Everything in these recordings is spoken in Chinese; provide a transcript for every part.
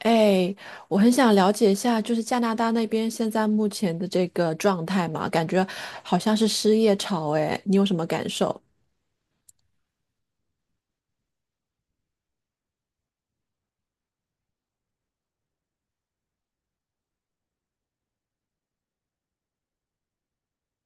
哎，我很想了解一下，就是加拿大那边现在目前的这个状态嘛，感觉好像是失业潮，哎，你有什么感受？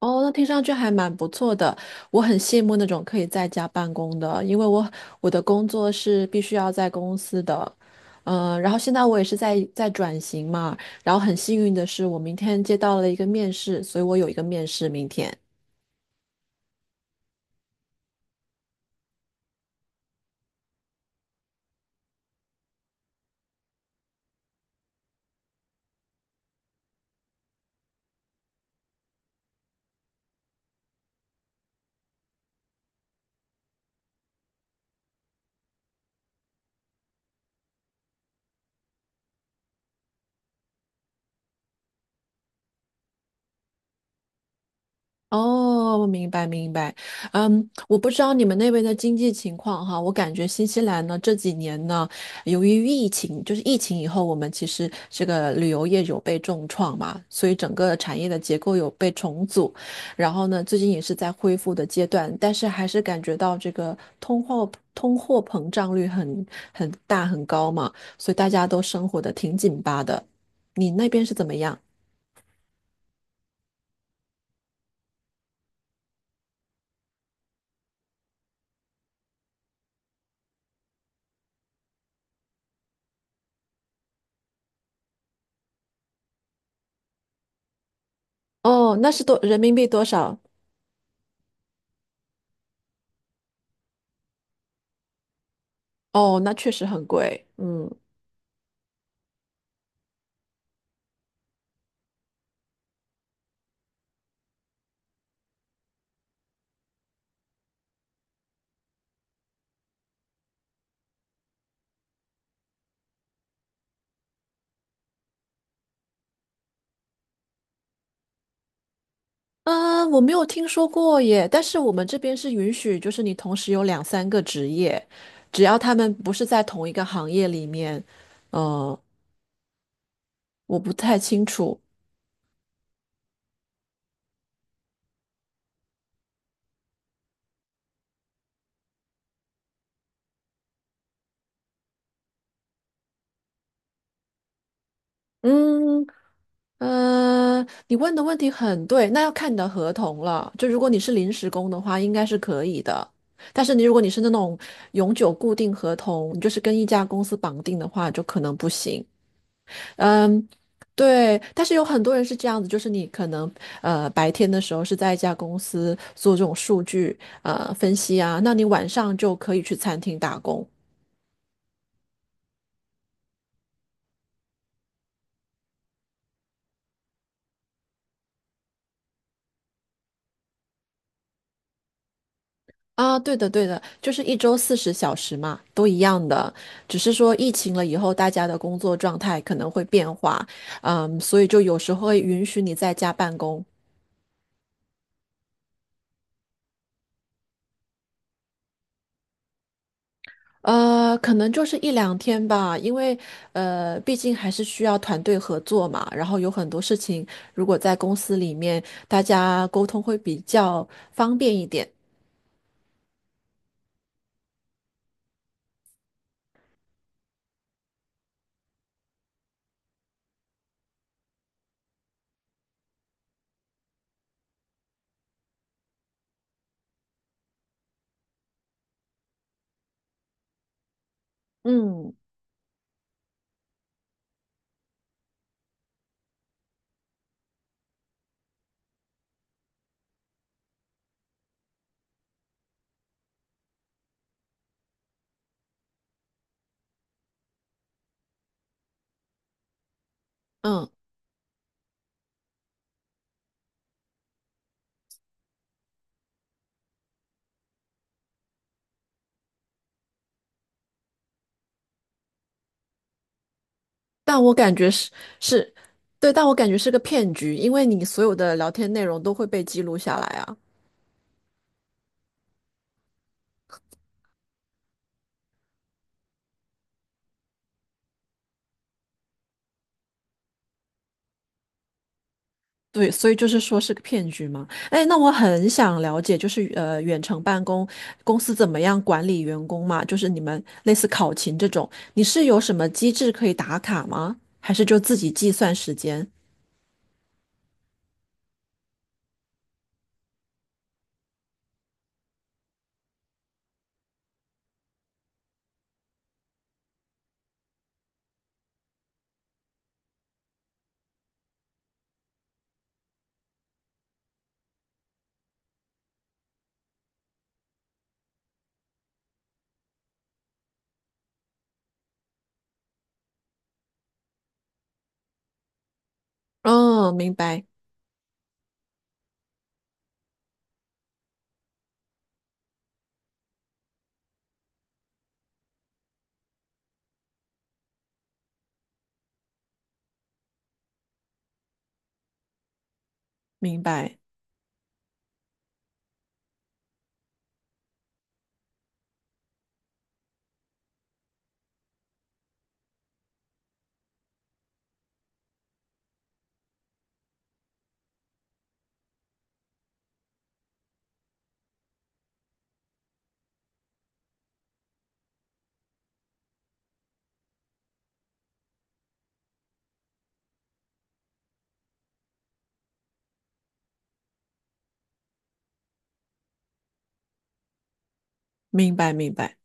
哦，那听上去还蛮不错的。我很羡慕那种可以在家办公的，因为我的工作是必须要在公司的。然后现在我也是在转型嘛，然后很幸运的是，我明天接到了一个面试，所以我有一个面试明天。哦，我明白明白。嗯，我不知道你们那边的经济情况哈，我感觉新西兰呢这几年呢，由于疫情，就是疫情以后，我们其实这个旅游业有被重创嘛，所以整个产业的结构有被重组，然后呢，最近也是在恢复的阶段，但是还是感觉到这个通货膨胀率很大很高嘛，所以大家都生活的挺紧巴的。你那边是怎么样？哦，那是多人民币多少？哦，那确实很贵。嗯，啊，我没有听说过耶，但是我们这边是允许，就是你同时有两三个职业，只要他们不是在同一个行业里面。呃，我不太清楚。嗯，你问的问题很对，那要看你的合同了。就如果你是临时工的话，应该是可以的。但是你如果你是那种永久固定合同，你就是跟一家公司绑定的话，就可能不行。嗯，对，但是有很多人是这样子，就是你可能白天的时候是在一家公司做这种数据分析啊，那你晚上就可以去餐厅打工啊。对的，对的，就是一周40小时嘛，都一样的，只是说疫情了以后，大家的工作状态可能会变化，嗯，所以就有时候会允许你在家办公。可能就是一两天吧，因为毕竟还是需要团队合作嘛。然后有很多事情，如果在公司里面，大家沟通会比较方便一点。嗯嗯，但我感觉是，对，但我感觉是个骗局，因为你所有的聊天内容都会被记录下来啊。对，所以就是说是个骗局嘛。哎，那我很想了解，就是远程办公公司怎么样管理员工嘛？就是你们类似考勤这种，你是有什么机制可以打卡吗？还是就自己计算时间？嗯，明白，明白，明白，明白。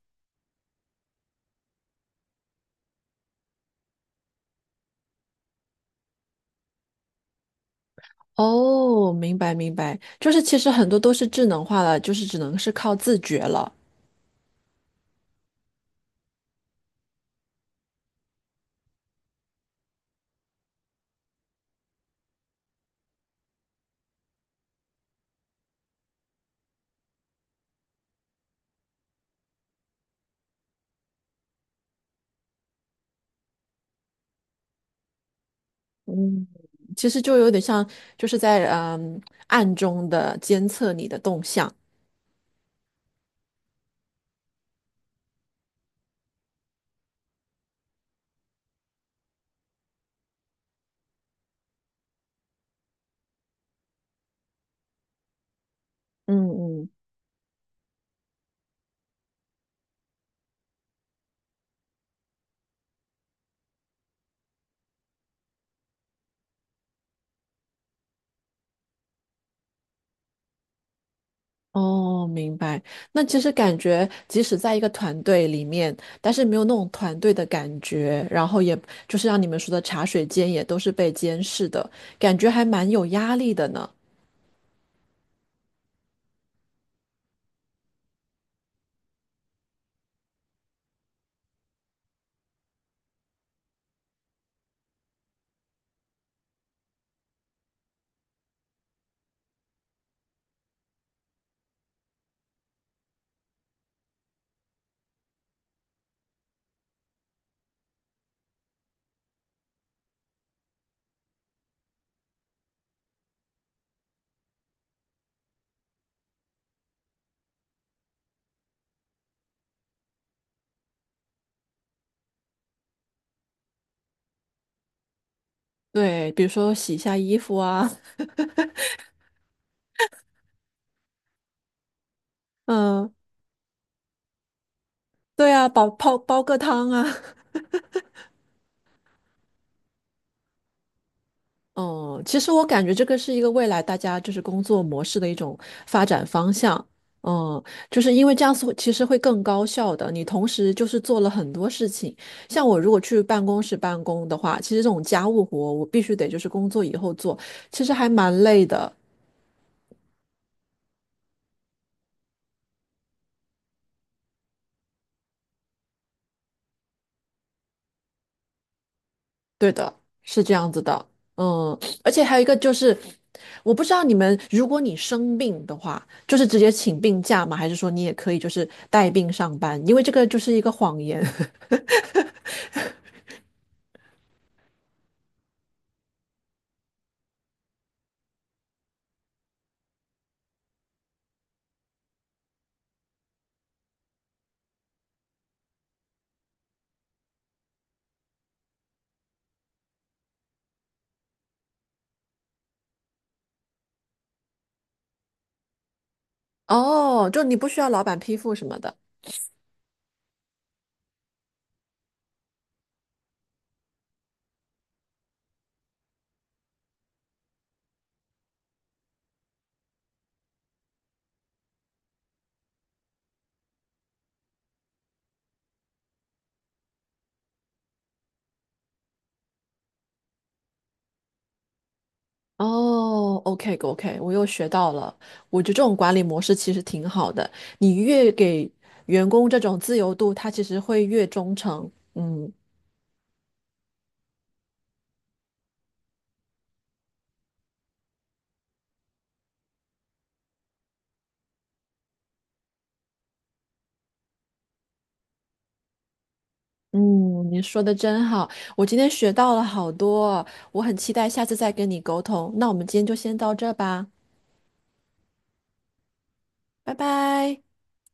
哦，明白，明白。就是其实很多都是智能化了，就是只能是靠自觉了。其实就有点像，就是在暗中的监测你的动向。嗯嗯哦，明白。那其实感觉，即使在一个团队里面，但是没有那种团队的感觉，然后也就是像你们说的茶水间也都是被监视的，感觉还蛮有压力的呢。对，比如说洗一下衣服啊，嗯，对啊，煲个汤啊。哦，其实我感觉这个是一个未来大家就是工作模式的一种发展方向。嗯，就是因为这样子会其实会更高效的。你同时就是做了很多事情，像我如果去办公室办公的话，其实这种家务活我必须得就是工作以后做，其实还蛮累的。对的，是这样子的。嗯，而且还有一个就是，我不知道你们，如果你生病的话，就是直接请病假吗？还是说你也可以就是带病上班？因为这个就是一个谎言。哦，就你不需要老板批复什么的。哦，OK OK，我又学到了。我觉得这种管理模式其实挺好的，你越给员工这种自由度，他其实会越忠诚。嗯嗯，你说的真好，我今天学到了好多，我很期待下次再跟你沟通。那我们今天就先到这吧，拜拜。